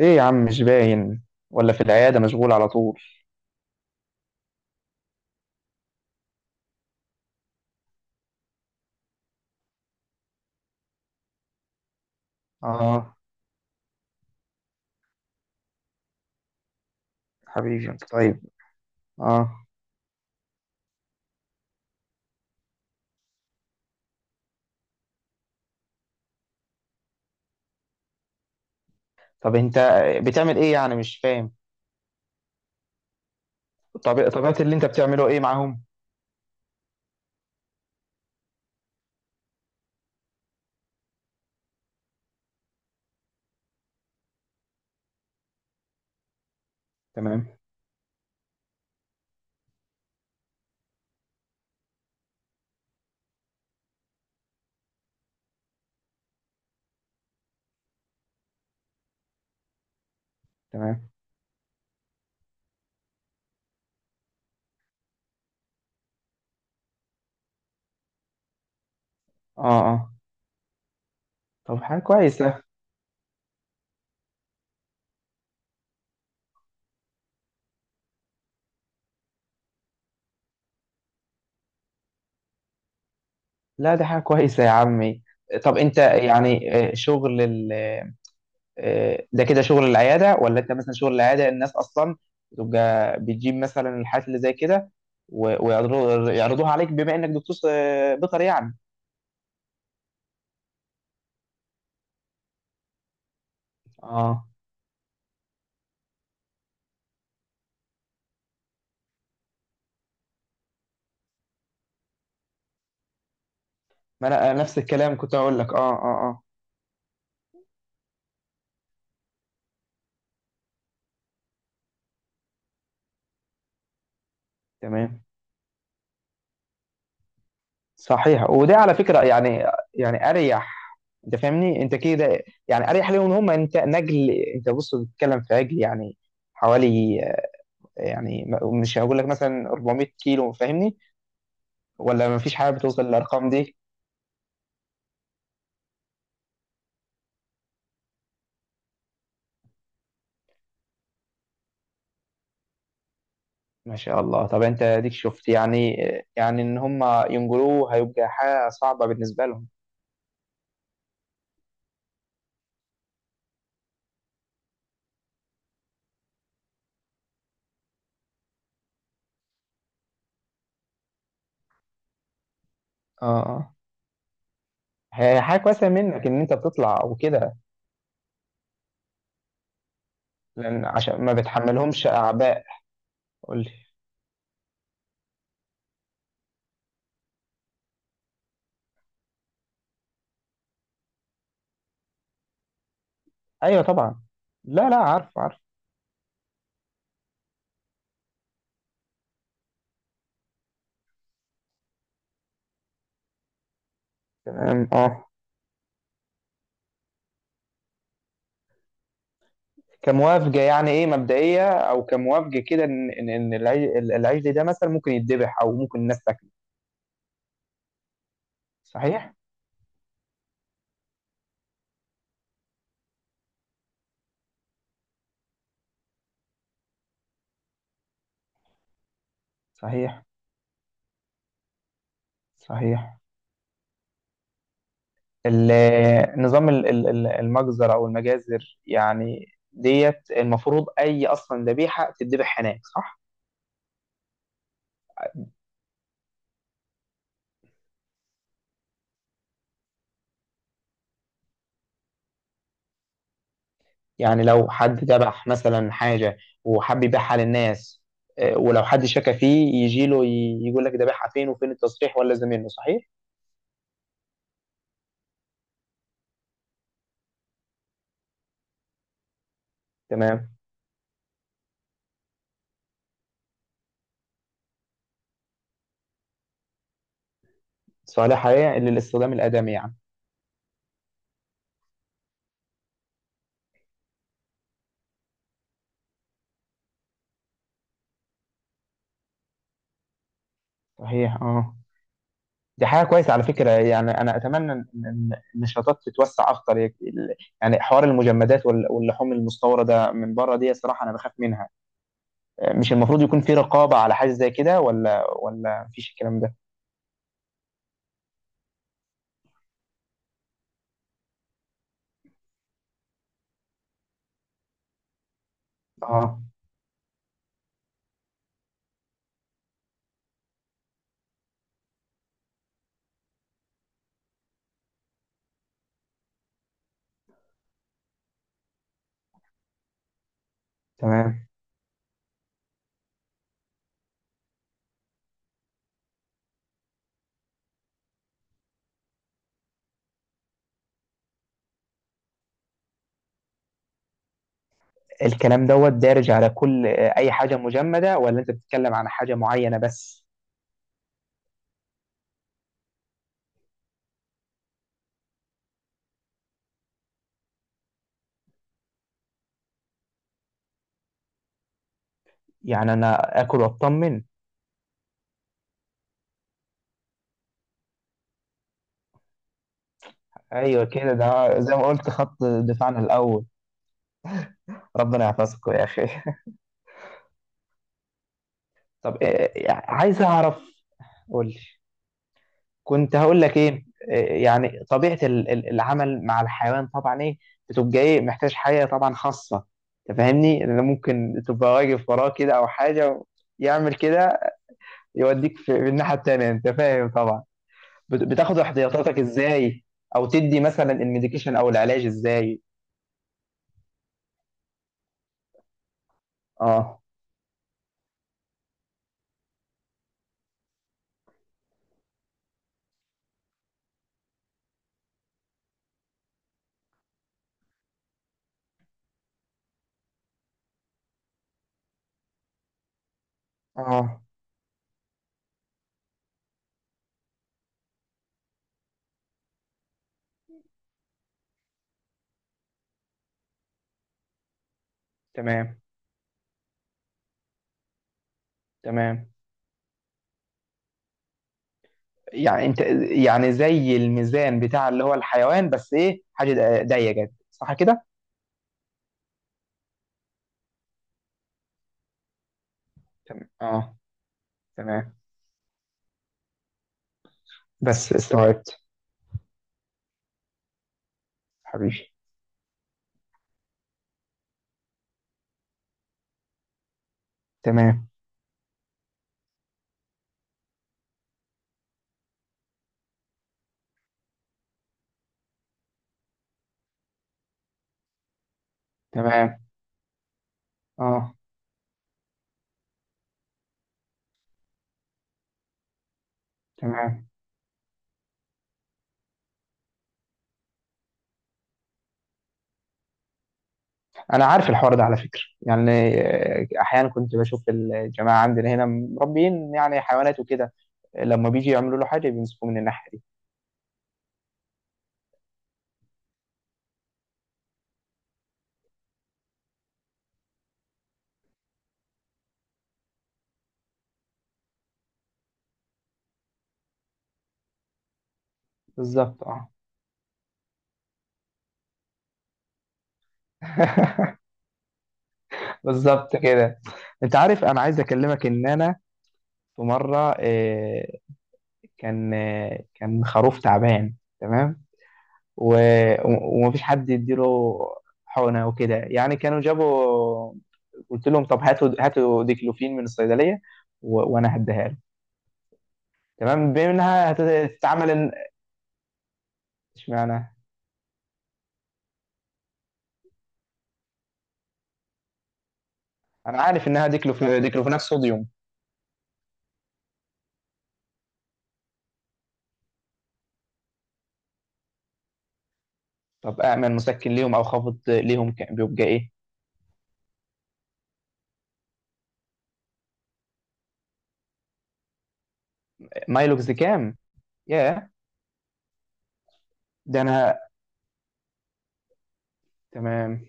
ايه يا عم، مش باين ولا في العيادة؟ مشغول على طول. اه حبيبي انت طيب. اه طب انت بتعمل ايه يعني؟ مش فاهم. طب طبيعة اللي انت بتعمله ايه معاهم؟ تمام. تمام. اه اه طب حاجة كويسة. لا دي حاجة كويسة يا عمي. طب انت يعني آه، شغل ال... آه، ده كده شغل العيادة، ولا انت مثلا شغل العيادة الناس اصلا تبقى بتجيب مثلا الحالات اللي زي كده، ويعرضوها عليك بما انك دكتور بيطري يعني. اه. ما انا أنا نفس الكلام كنت اقول لك. اه تمام. صحيح. وده على فكره يعني، يعني اريح. انت فاهمني؟ انت كده يعني اريح ليهم هم. انت نجل، انت بص، بتتكلم في عجل يعني حوالي يعني مش هقول لك مثلا 400 كيلو، فاهمني؟ ولا ما فيش حاجه بتوصل للارقام دي؟ ما شاء الله. طب انت اديك شفت يعني يعني ان هم ينجلوه هيبقى حاجه صعبه بالنسبه لهم. اه اه هي حاجه كويسه منك ان انت بتطلع وكده، لان عشان ما بتحملهمش اعباء. قول. ايوه طبعا. لا لا، عارف عارف. تمام. اه. كموافجه يعني ايه مبدئيه، او كموافجه كده، ان إن العجل ده مثلا ممكن يتذبح او ممكن الناس تاكله. صحيح. صحيح. صحيح. نظام المجزر او المجازر يعني ديت، المفروض اي اصلا ذبيحه تتذبح هناك، صح؟ يعني لو حد ذبح مثلا حاجه وحب يبيعها للناس، ولو حد شك فيه يجي له يقول لك ذبحها فين وفين التصريح ولا زميله، صحيح. تمام. صالح حقيقة للاستخدام الآدمي يعني. صحيح. اه. دي حاجة كويسة على فكرة يعني. أنا أتمنى إن إن النشاطات تتوسع أكتر. يعني حوار المجمدات واللحوم المستوردة من بره دي صراحة أنا بخاف منها. مش المفروض يكون في رقابة على حاجة زي كده، ولا مفيش الكلام ده؟ اه. تمام. الكلام دوت دارج على كل أي حاجة مجمدة، ولا أنت بتتكلم عن حاجة معينة بس؟ يعني أنا آكل وأطمن؟ أيوه كده. ده زي ما قلت، خط دفاعنا الأول. ربنا يحفظكم يا أخي. طب عايز اعرف. قول لي. كنت هقول لك ايه إيه، يعني طبيعة العمل مع الحيوان، طبعا ايه بتبقى ايه؟ محتاج حاجة طبعا خاصة، تفهمني؟ لان ممكن تبقى واقف وراه كده، او حاجة يعمل كده يوديك في الناحية التانية، انت فاهم طبعا. بتاخد احتياطاتك ازاي، او تدي مثلا الميديكيشن او العلاج ازاي؟ اه. اه. تمام. تمام. يعني انت، يعني زي الميزان بتاع اللي هو الحيوان، بس ايه حاجه ضيقه جدا، صح كده؟ تمام. اه. تمام. بس استوعبت. حبيبي. تمام. تمام. اه. تمام. انا عارف الحوار ده على فكره يعني. احيانا كنت بشوف الجماعه عندنا هنا مربيين يعني حيوانات وكده، لما بيجي يعملوا له حاجه بيمسكوه من الناحيه دي. بالظبط. اه. بالظبط كده. انت عارف انا عايز اكلمك. ان انا في مره كان، كان خروف تعبان. تمام. و... ومفيش حد يديله حقنة وكده يعني. كانوا جابوا، قلت لهم طب هاتوا ديكلوفين من الصيدلية، و... وانا هديها له. تمام، بما انها هتتعمل. اشمعنى؟ انا عارف انها ديكلوفيناك صوديوم. طب اعمل مسكن ليهم او خفض ليهم، بيبقى ايه؟ مايلوكزيكام. ياه. ده انا. تمام.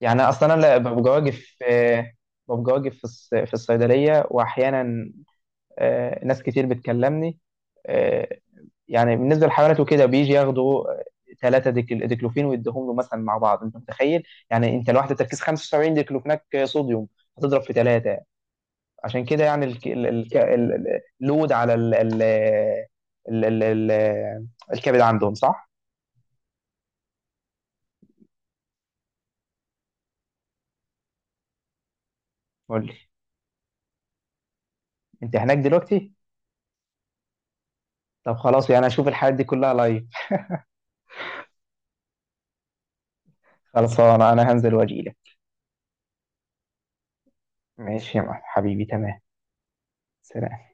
يعني اصلا انا ببقى واقف ببقى واقف في في الصيدليه، واحيانا ناس كتير بتكلمني. آه، يعني بالنسبه للحيوانات وكده بيجي ياخدوا ثلاثه ديكلوفين، ويديهم له مثلا مع بعض. انت متخيل؟ يعني انت لوحده تركيز 75 ديكلوفيناك صوديوم، هتضرب في ثلاثه. عشان كده يعني اللود على ال ال ال ال ال الكبد عندهم، صح؟ قول لي. انت هناك دلوقتي؟ طب خلاص، يعني اشوف الحاجات دي كلها لايف. خلصانه انا. أنا هنزل واجي لك. ماشي يا معلم. حبيبي. تمام. سلام.